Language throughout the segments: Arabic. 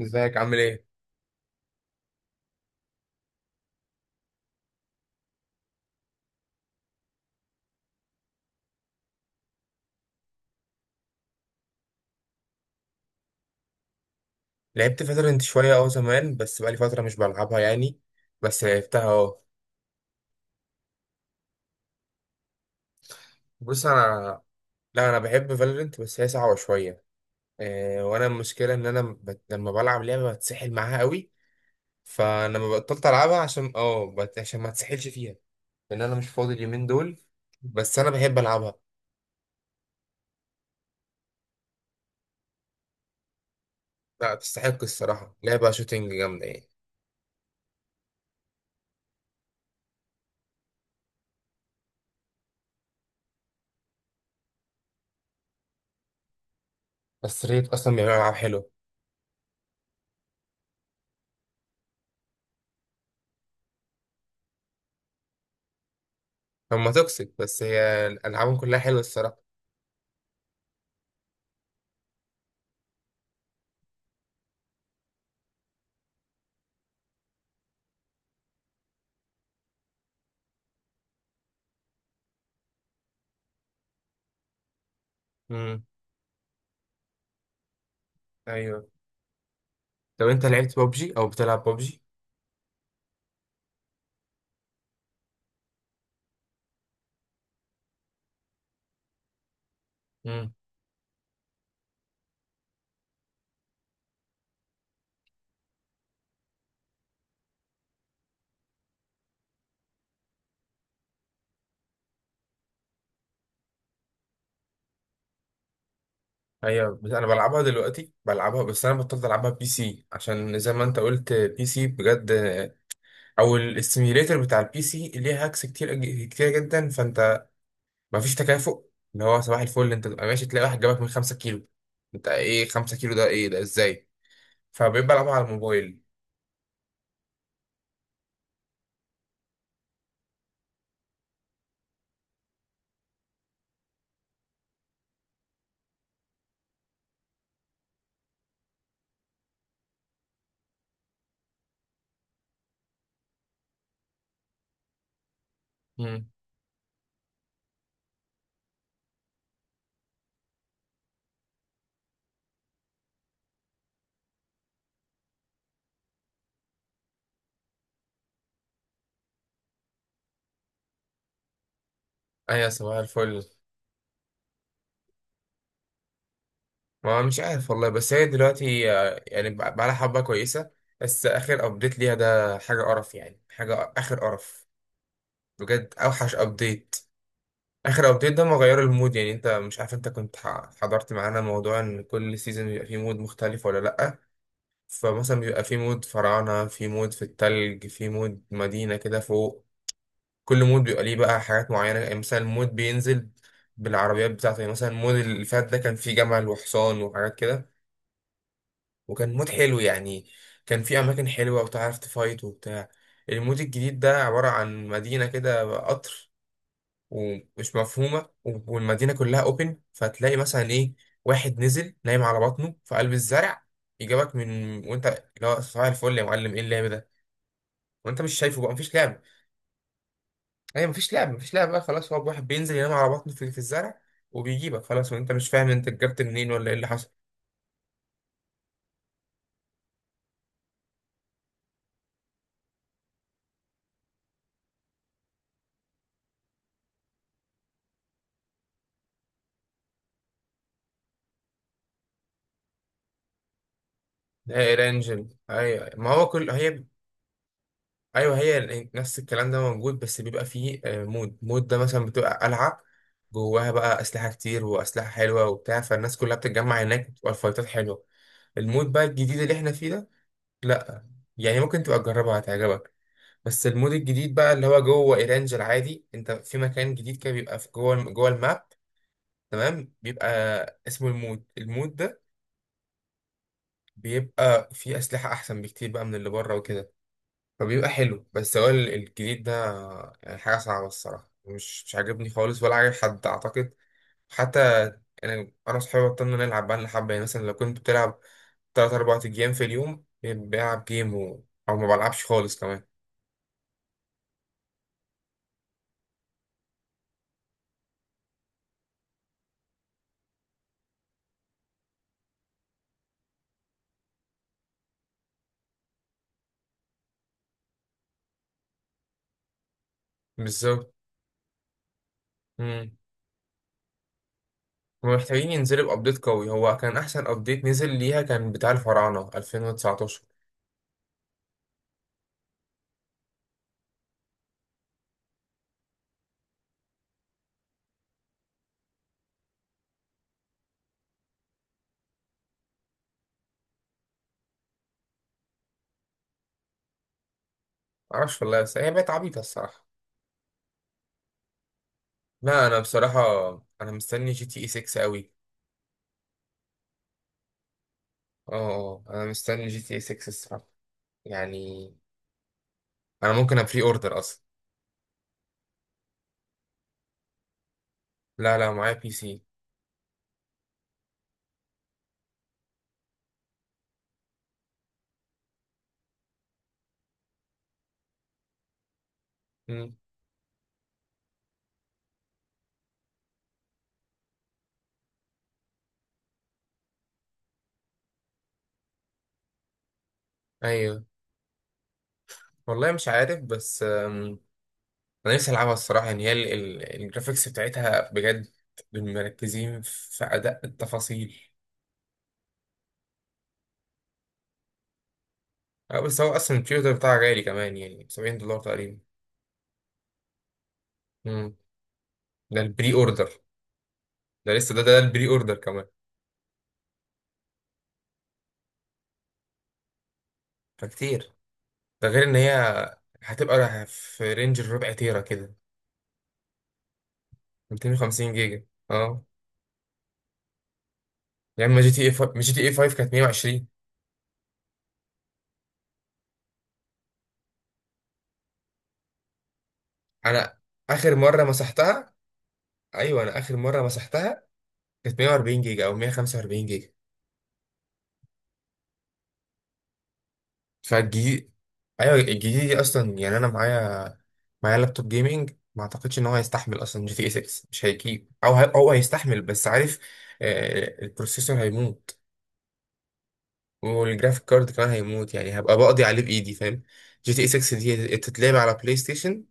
ازيك عامل ايه؟ لعبت فالورنت شوية زمان، بس بقالي فترة مش بلعبها يعني. بس لعبتها، اه. بص، انا... لا، انا بحب فالورنت، بس هي صعبة شوية. إيه، وانا المشكلة ان انا لما بلعب لعبة بتسحل معاها قوي. فانا ما بطلت العبها عشان ما اتسحلش فيها، لان انا مش فاضي اليومين دول. بس انا بحب العبها. لا، تستحق الصراحة، لعبة شوتينج جامدة يعني. بس ريت اصلا بيعملوا العاب حلوة. هما توكسيك، بس هي العابهم كلها حلوة الصراحة. امم. ايوه. لو انت لعبت ببجي او بتلعب ببجي. امم. ايوه. بس انا بلعبها دلوقتي، بلعبها، بس انا بطلت العبها بي سي عشان زي ما انت قلت، بي سي بجد، او الاستيميليتر بتاع البي سي ليه هاكس كتير كتير جدا، فانت مفيش تكافؤ. اللي هو صباح الفل، انت تبقى ماشي تلاقي واحد جابك من 5 كيلو. انت ايه 5 كيلو ده؟ ايه ده؟ ازاي؟ فبقيت بلعبها على الموبايل. امم. ايوه، صباح الفل. ما مش عارف والله، بس هي دلوقتي يعني بقى لها حبة كويسة. بس آخر أبديت ليها ده حاجة قرف يعني، حاجة آخر قرف. بجد أوحش أبديت. آخر أبديت ده ما غير المود، يعني أنت مش عارف، أنت كنت حضرت معانا موضوع إن كل سيزون بيبقى فيه مود مختلف ولا لأ. فمثلا بيبقى فيه مود فراعنة، فيه مود في التلج، فيه مود مدينة كده فوق. كل مود بيبقى ليه بقى حاجات معينة، يعني مثلا مود بينزل بالعربيات بتاعته. يعني مثلا المود اللي فات ده كان فيه جمل وحصان وحاجات كده، وكان مود حلو يعني. كان في اماكن حلوه، وتعرف تفايت وبتاع. المود الجديد ده عباره عن مدينه كده قطر، ومش مفهومه، والمدينه كلها اوبن. فتلاقي مثلا ايه، واحد نزل نايم على بطنه في قلب الزرع، يجابك من... وانت... اللي هو صباح الفل يا معلم، ايه اللعب ده؟ وانت مش شايفه بقى، مفيش لعب. ايوه، مفيش لعب، مفيش لعب بقى، خلاص. هو واحد بينزل ينام على بطنه في الزرع وبيجيبك، خلاص، وانت مش فاهم انت جبت منين ولا ايه اللي حصل. ده ايرانجل، ايوه، ما هو كل هي... ايوه، هي نفس الكلام ده موجود، بس بيبقى فيه مود. مود ده مثلا بتبقى قلعه، جواها بقى اسلحه كتير واسلحه حلوه وبتاع، فالناس كلها بتتجمع هناك وتبقى الفايتات حلوه. المود بقى الجديد اللي احنا فيه ده... لا. يعني ممكن تبقى تجربها، هتعجبك. بس المود الجديد بقى اللي هو جوه ايرانج العادي، انت في مكان جديد كده بيبقى في جوه جوه الماب، تمام. بيبقى اسمه المود. المود ده بيبقى فيه اسلحه احسن بكتير بقى من اللي بره وكده، فبيبقى حلو. بس هو الجديد ده يعني حاجة صعبة الصراحة، مش عاجبني خالص ولا عاجب حد أعتقد حتى. أنا وصحابي بطلنا نلعب بقى لنا حبة، يعني مثلا لو كنت بتلعب تلات أربع أيام، في اليوم بلعب جيم أو ما بلعبش خالص كمان. بالظبط. مم. هما محتاجين ينزلوا بأبديت قوي. هو كان أحسن أبديت نزل ليها كان بتاع الفراعنة 2019. معرفش والله، بس هي بقت عبيطة الصراحة. لا، أنا بصراحة أنا مستني جي تي إي 6 أوي. أنا مستني جي تي إي 6 الصراحة، يعني انا ممكن ابري اوردر اصلا. لا لا، معايا بي سي. مم. ايوه، والله مش عارف، بس انا نفسي العبها الصراحه يعني. هي الجرافيكس بتاعتها بجد مركزين في اداء التفاصيل. بس هو اصلا البري اوردر بتاعها غالي كمان، يعني 70 دولار تقريبا. مم. ده البري اوردر. ده لسه ده البري اوردر كمان، فكتير. ده غير ان هي هتبقى في رينج الربع تيرا كده، 250 جيجا، اه. يا اما جي تي اي 5، جي تي اي 5 كانت 120. انا اخر مره مسحتها، ايوه انا اخر مره مسحتها كانت 140 جيجا او 145 جيجا. فالجديد، ايوه الجديد دي اصلا. يعني انا معايا لابتوب جيمنج، ما اعتقدش ان هو هيستحمل اصلا جي تي اي 6. مش هيجيب، او هو هيستحمل بس، عارف، البروسيسور هيموت، والجرافيك كارد كمان هيموت، يعني هبقى بقضي عليه بايدي، فاهم. جي تي اي 6 دي تتلعب على بلاي ستيشن،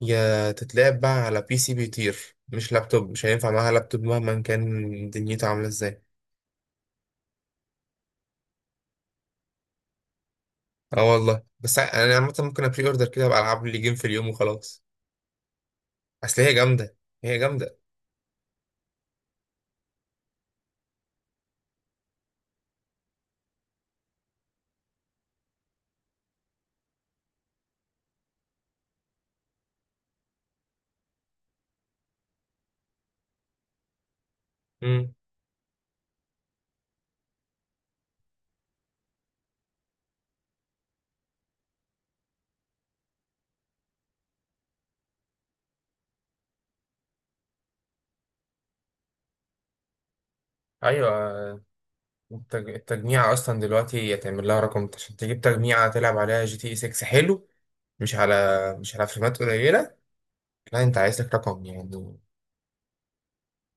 يا تتلعب بقى على بي سي بيطير، مش لابتوب. مش هينفع معاها لابتوب مهما كان دنيته عامله ازاي. اه والله، بس انا عامه ممكن ابري اوردر كده، ابقى العب لي جيم في اليوم وخلاص. اصل هي جامده، هي جامده. امم. ايوه. التجميعة اصلا دلوقتي يتعمل لها رقم عشان تجيب تجميعة تلعب عليها جي تي اي 6 حلو، مش على مش على فريمات قليلة. لا، انت عايز لك رقم يعني.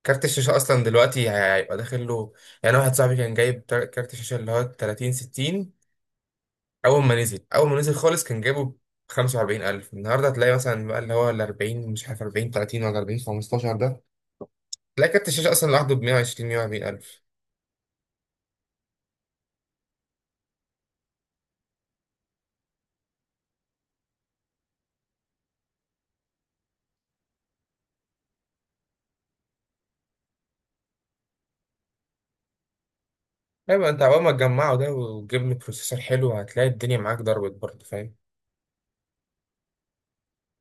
كارت الشاشة اصلا دلوقتي هيبقى داخل له. يعني واحد صاحبي كان جايب كارت الشاشة اللي هو 30 60، اول ما نزل خالص كان جايبه ب 45000. النهارده هتلاقي مثلا بقى اللي هو ال 40، مش عارف 40 30 ولا 40 15 ده. تلاقي كارت الشاشة أصلا لوحده ب 120، 140 ألف. أيوة، أنت أول ما تجمعه ده وتجيب له بروسيسور حلو، هتلاقي الدنيا معاك ضربت برضه، فاهم.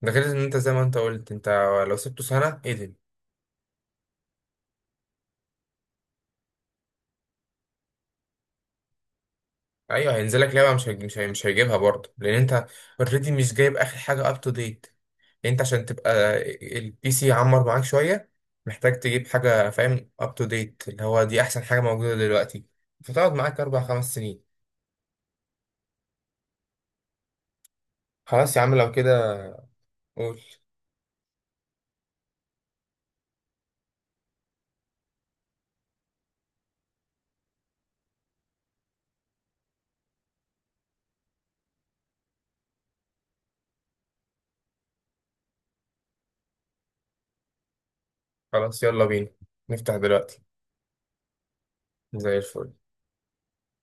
ده غير إن أنت زي ما أنت قلت، أنت لو سبته سنة، إيه. أيوة هينزل لك لعبة، مش هيجيبها برضه لأن أنت أوريدي مش جايب آخر حاجة أب تو ديت. أنت عشان تبقى البي سي يعمر معاك شوية، محتاج تجيب حاجة فاهم أب تو ديت، اللي هو دي أحسن حاجة موجودة دلوقتي، فتقعد معاك أربع خمس سنين. خلاص يا عم، لو كده قول. خلاص يلا بينا، نفتح دلوقتي. زي الفل.